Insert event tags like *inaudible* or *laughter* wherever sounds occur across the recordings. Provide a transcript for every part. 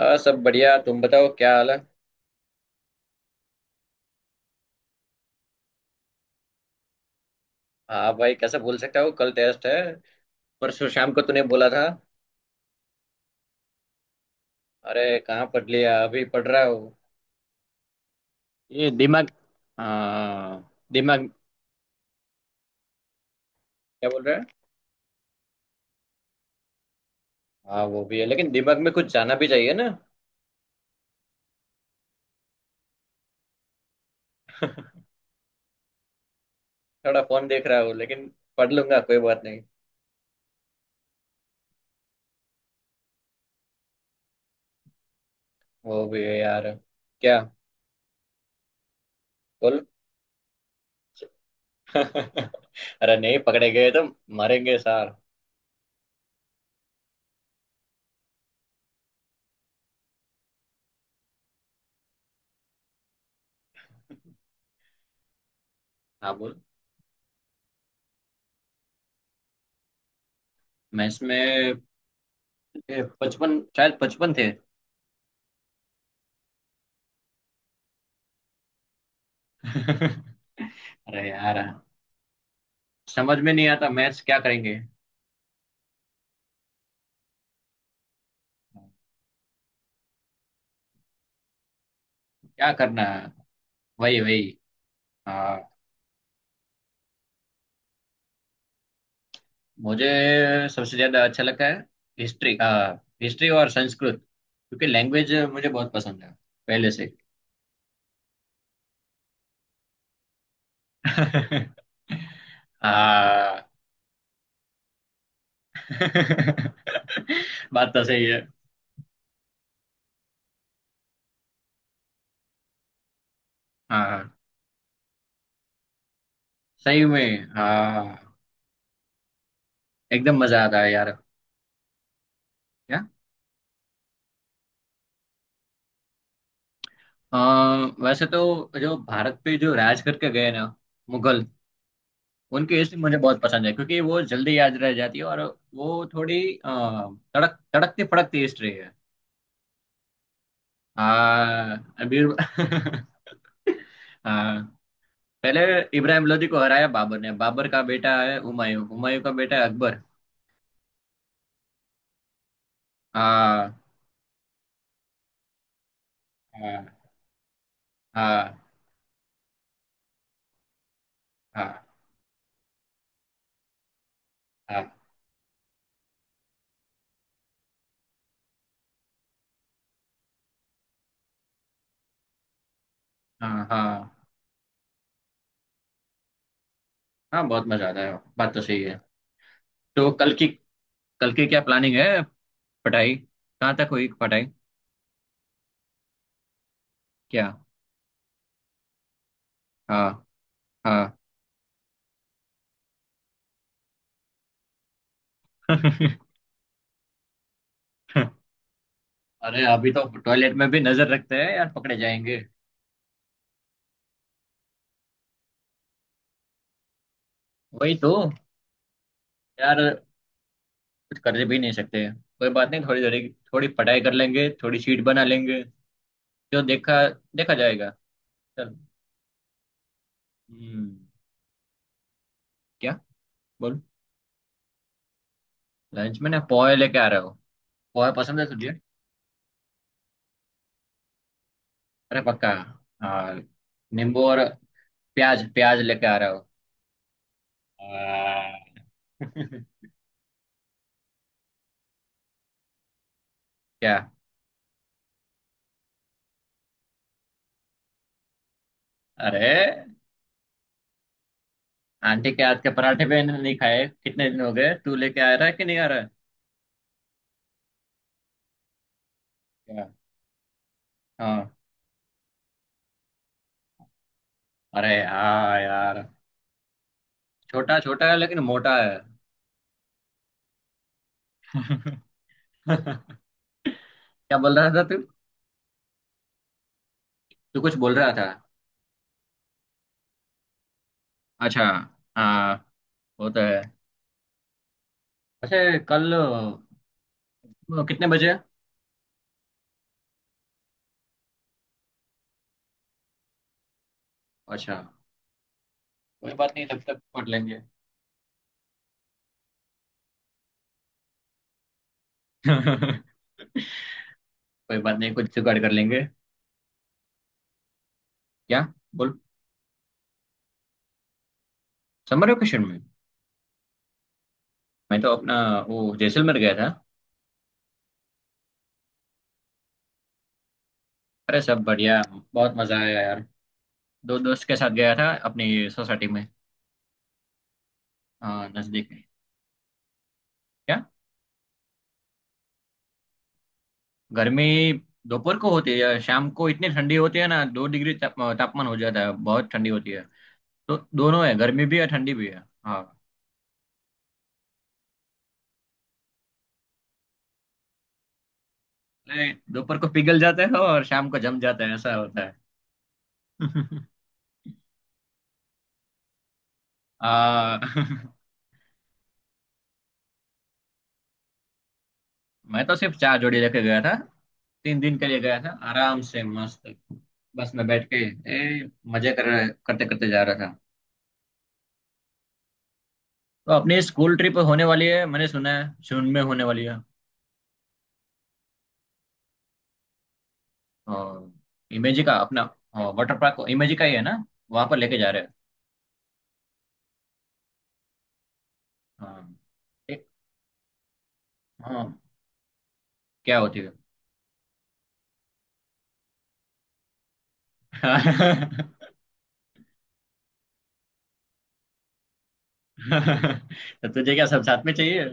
सब बढ़िया। तुम बताओ क्या हाल है। हाँ भाई, कैसे भूल सकता हूँ, कल टेस्ट है। परसों शाम को तूने बोला था। अरे कहाँ पढ़ लिया, अभी पढ़ रहा हूँ। ये दिमाग। हाँ दिमाग। क्या बोल रहा है। हाँ वो भी है लेकिन दिमाग में कुछ जाना भी चाहिए ना। *laughs* थोड़ा फोन देख रहा हूँ लेकिन पढ़ लूंगा, कोई बात नहीं। वो भी है यार। क्या बोल। *laughs* अरे नहीं, पकड़े गए तो मारेंगे सार। हाँ बोल। मैं इसमें पचपन, शायद पचपन थे। *laughs* अरे यार, समझ में नहीं आता मैथ्स क्या करेंगे। क्या करना है। वही वही। आ, मुझे सबसे ज्यादा अच्छा लगता है हिस्ट्री। हिस्ट्री और संस्कृत, क्योंकि लैंग्वेज मुझे बहुत पसंद है पहले से। *laughs* हाँ। *laughs* बात तो सही है। हाँ सही में हाँ, एकदम मजा आता है यार। क्या। अ, वैसे तो जो भारत पे जो राज करके गए ना, मुगल, उनकी हिस्ट्री मुझे बहुत पसंद है क्योंकि वो जल्दी याद रह जाती है। और वो थोड़ी तड़क तड़कती फड़कती हिस्ट्री है। हाँ अभी। *laughs* हाँ पहले इब्राहिम लोदी को हराया बाबर ने। बाबर का बेटा है हुमायूं, हुमायूं का बेटा है अकबर। हाँ हाँ हाँ हाँ हाँ हाँ हाँ। हाँ, बहुत मजा आता है, बात तो सही है। तो कल की, कल की क्या प्लानिंग है। पढ़ाई कहाँ तक हुई पढ़ाई। क्या। हाँ हाँ। *laughs* अरे अभी तो टॉयलेट में भी नजर रखते हैं यार, पकड़े जाएंगे। वही तो यार, कुछ कर भी नहीं सकते। कोई बात नहीं, थोड़ी थोड़ी, थोड़ी पढ़ाई कर लेंगे, थोड़ी शीट बना लेंगे। जो देखा, देखा जाएगा। चल। हम्म। क्या बोल। लंच में ना पोहे लेके आ रहे हो, पोहे पसंद है तुझे। अरे पक्का। हाँ नींबू और प्याज, प्याज लेके आ रहे हो। हाँ। *laughs* क्या। अरे आंटी के हाथ के पराठे भी नहीं खाए, कितने दिन हो गए, तू लेके आ रहा है कि नहीं आ रहा है। क्या। हाँ। अरे हाँ यार, छोटा छोटा है लेकिन मोटा है। *laughs* क्या बोल रहा था तू, तू कुछ बोल रहा था। अच्छा हाँ, वो तो है। अच्छा कल कितने बजे। अच्छा कोई बात नहीं, तब तक पढ़ लेंगे। *laughs* कोई बात नहीं, कुछ जुगाड़ कर लेंगे। क्या बोल। समर वेकेशन में मैं तो अपना, वो जैसलमेर गया था। अरे सब बढ़िया, बहुत मजा आया यार। दो दोस्त के साथ गया था अपनी सोसाइटी में। हाँ नजदीक में। गर्मी दोपहर को होती है या शाम को, इतनी ठंडी होती है ना, दो डिग्री ताप, तापमान हो जाता है, बहुत ठंडी होती है। तो दोनों है, गर्मी भी है, ठंडी भी है हाँ। नहीं, दोपहर को पिघल जाते हैं और शाम को जम जाते हैं, ऐसा होता है। *laughs* आ, *laughs* मैं तो सिर्फ चार जोड़ी लेके गया था। तीन दिन के लिए गया था आराम से मस्त बस में बैठ के, ए, मजे कर करते करते जा रहा था। तो अपनी स्कूल ट्रिप होने वाली है, मैंने सुना है जून में होने वाली है। हाँ इमेजी का अपना, हाँ वाटर पार्क इमेजी का ही है ना, वहां पर लेके जा रहे हैं। हाँ एक। हाँ क्या होती है। *laughs* तो तुझे क्या सब साथ में चाहिए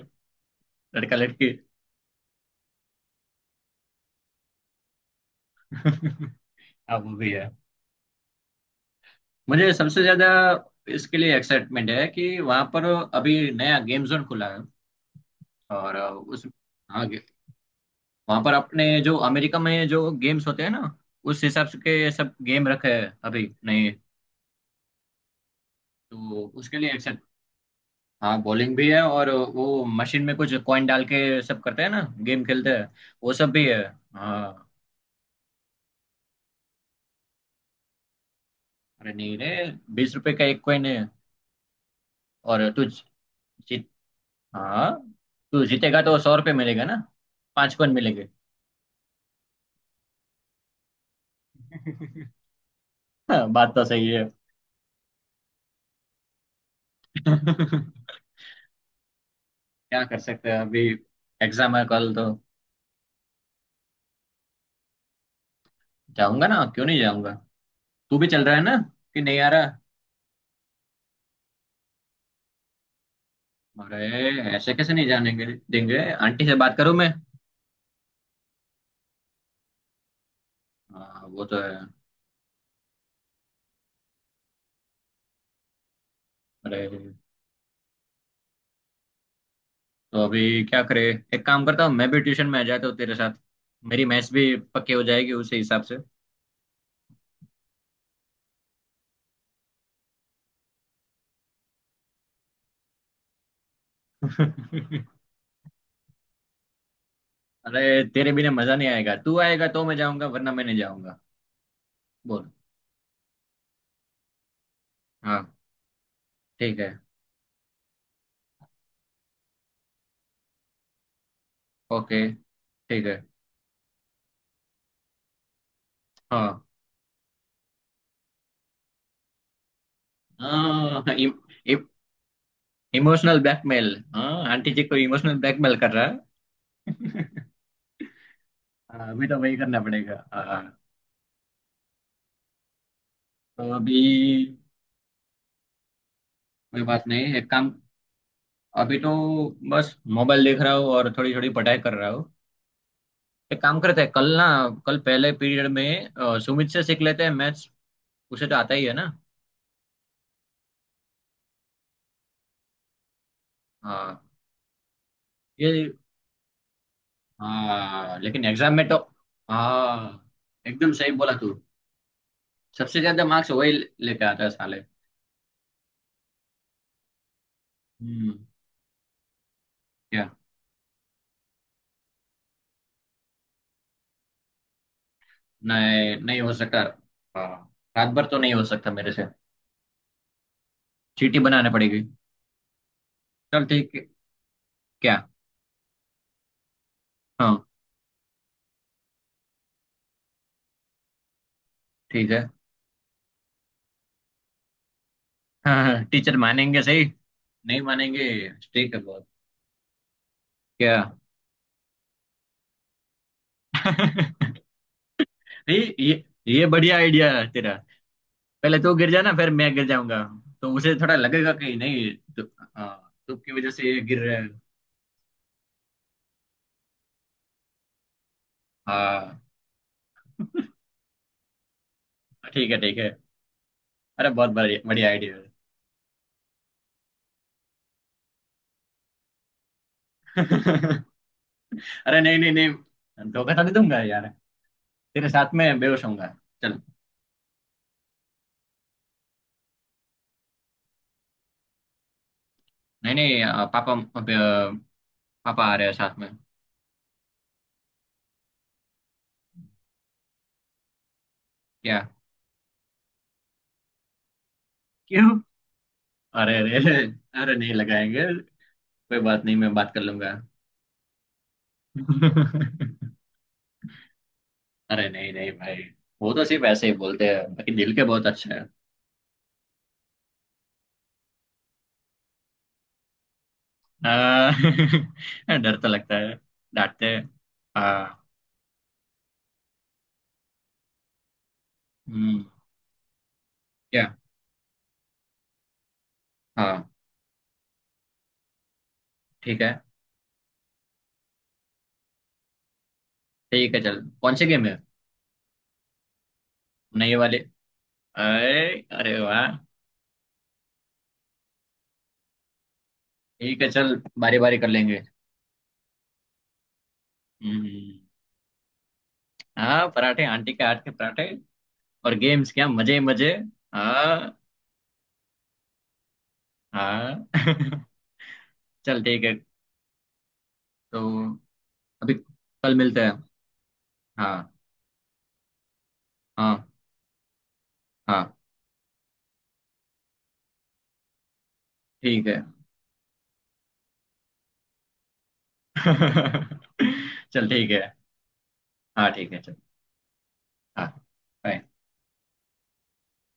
लड़का लड़की। *laughs* हाँ वो भी है। मुझे सबसे ज्यादा इसके लिए एक्साइटमेंट है कि वहां पर अभी नया गेम जोन खुला है और उस, हाँ, वहां पर अपने जो अमेरिका में जो गेम्स होते हैं ना, उस हिसाब से के सब गेम रखे हैं अभी नहीं तो उसके लिए। हाँ बॉलिंग भी है, और वो मशीन में कुछ कॉइन डाल के सब करते हैं ना, गेम खेलते हैं, वो सब भी है। हाँ अरे नहीं रे, बीस रुपए का एक कॉइन है। और तू जीत, हाँ तू जीतेगा तो सौ रुपये मिलेगा ना, पांच कॉइन मिलेंगे। *laughs* हाँ, बात तो सही है। *laughs* क्या कर सकते हैं अभी, एग्जाम है कल तो। जाऊंगा ना, क्यों नहीं जाऊंगा। तू भी चल रहा है ना, कि नहीं आ रहा। अरे ऐसे कैसे नहीं जाने के- देंगे, आंटी से बात करूं मैं। हाँ वो तो है। अरे तो अभी क्या करे, एक काम करता हूँ मैं भी ट्यूशन में आ जाता हूँ तेरे साथ, मेरी मैथ्स भी पक्की हो जाएगी उसी हिसाब से। अरे तेरे बिना मजा नहीं आएगा, तू आएगा तो मैं जाऊंगा वरना मैं नहीं जाऊंगा। बोल। हाँ ठीक है। ओके ठीक है। हाँ हाँ। इमोशनल ब्लैकमेल, हाँ आंटी जी को इमोशनल ब्लैकमेल कर रहा है। हाँ, अभी तो वही करना पड़ेगा हाँ। तो अभी, कोई बात नहीं, एक काम। अभी तो बस मोबाइल देख रहा हूँ और थोड़ी थोड़ी पढ़ाई कर रहा हूँ। एक काम करते हैं कल ना, कल पहले पीरियड में सुमित से सीख लेते हैं मैथ्स, उसे तो आता ही है ना। हाँ ये, हाँ लेकिन एग्जाम में तो। हाँ एकदम सही बोला तू, सबसे ज्यादा मार्क्स वही लेके आता है साले। हम्म। क्या। नहीं नहीं हो सकता। हाँ रात भर तो नहीं हो सकता मेरे से, चीटी बनाने पड़ेगी। चल ठीक है। क्या। हाँ ठीक है। हाँ हाँ, टीचर मानेंगे सही, नहीं मानेंगे, स्ट्रिक्ट है बहुत। क्या। ये बढ़िया आइडिया है तेरा, पहले तू गिर जाना फिर मैं गिर जाऊंगा, तो उसे थोड़ा लगेगा कि नहीं तो, हाँ धूप की वजह से ये गिर रहा है। हाँ ठीक है ठीक है। अरे बहुत बढ़िया, बढ़िया आइडिया है। अरे नहीं नहीं नहीं, धोखा तो नहीं दूंगा यार, तेरे साथ में बेहोश होऊंगा। चल। नहीं नहीं पापा अब पापा आ रहे हैं साथ में। क्या। क्यों। अरे अरे अरे, अरे नहीं लगाएंगे, कोई बात नहीं मैं बात कर लूंगा। *laughs* अरे नहीं नहीं भाई, वो तो सिर्फ ऐसे ही बोलते हैं, बाकी दिल के बहुत अच्छे हैं। आ, *laughs* डर तो लगता है, डांटते हैं हाँ। हम्म, क्या। हाँ ठीक है। ठीक है चल, कौन से गेम है। नहीं ये वाले, अरे। अरे वाह। ठीक है चल बारी बारी कर लेंगे। हम्म। हाँ पराठे, आंटी के हाथ के पराठे और गेम्स, क्या मजे ही मजे। हाँ हाँ। *laughs* चल ठीक है। तो अभी कल मिलते हैं। हाँ हाँ। हाँ ठीक है। *laughs* चल ठीक है। हाँ ठीक है चल। हाँ bye.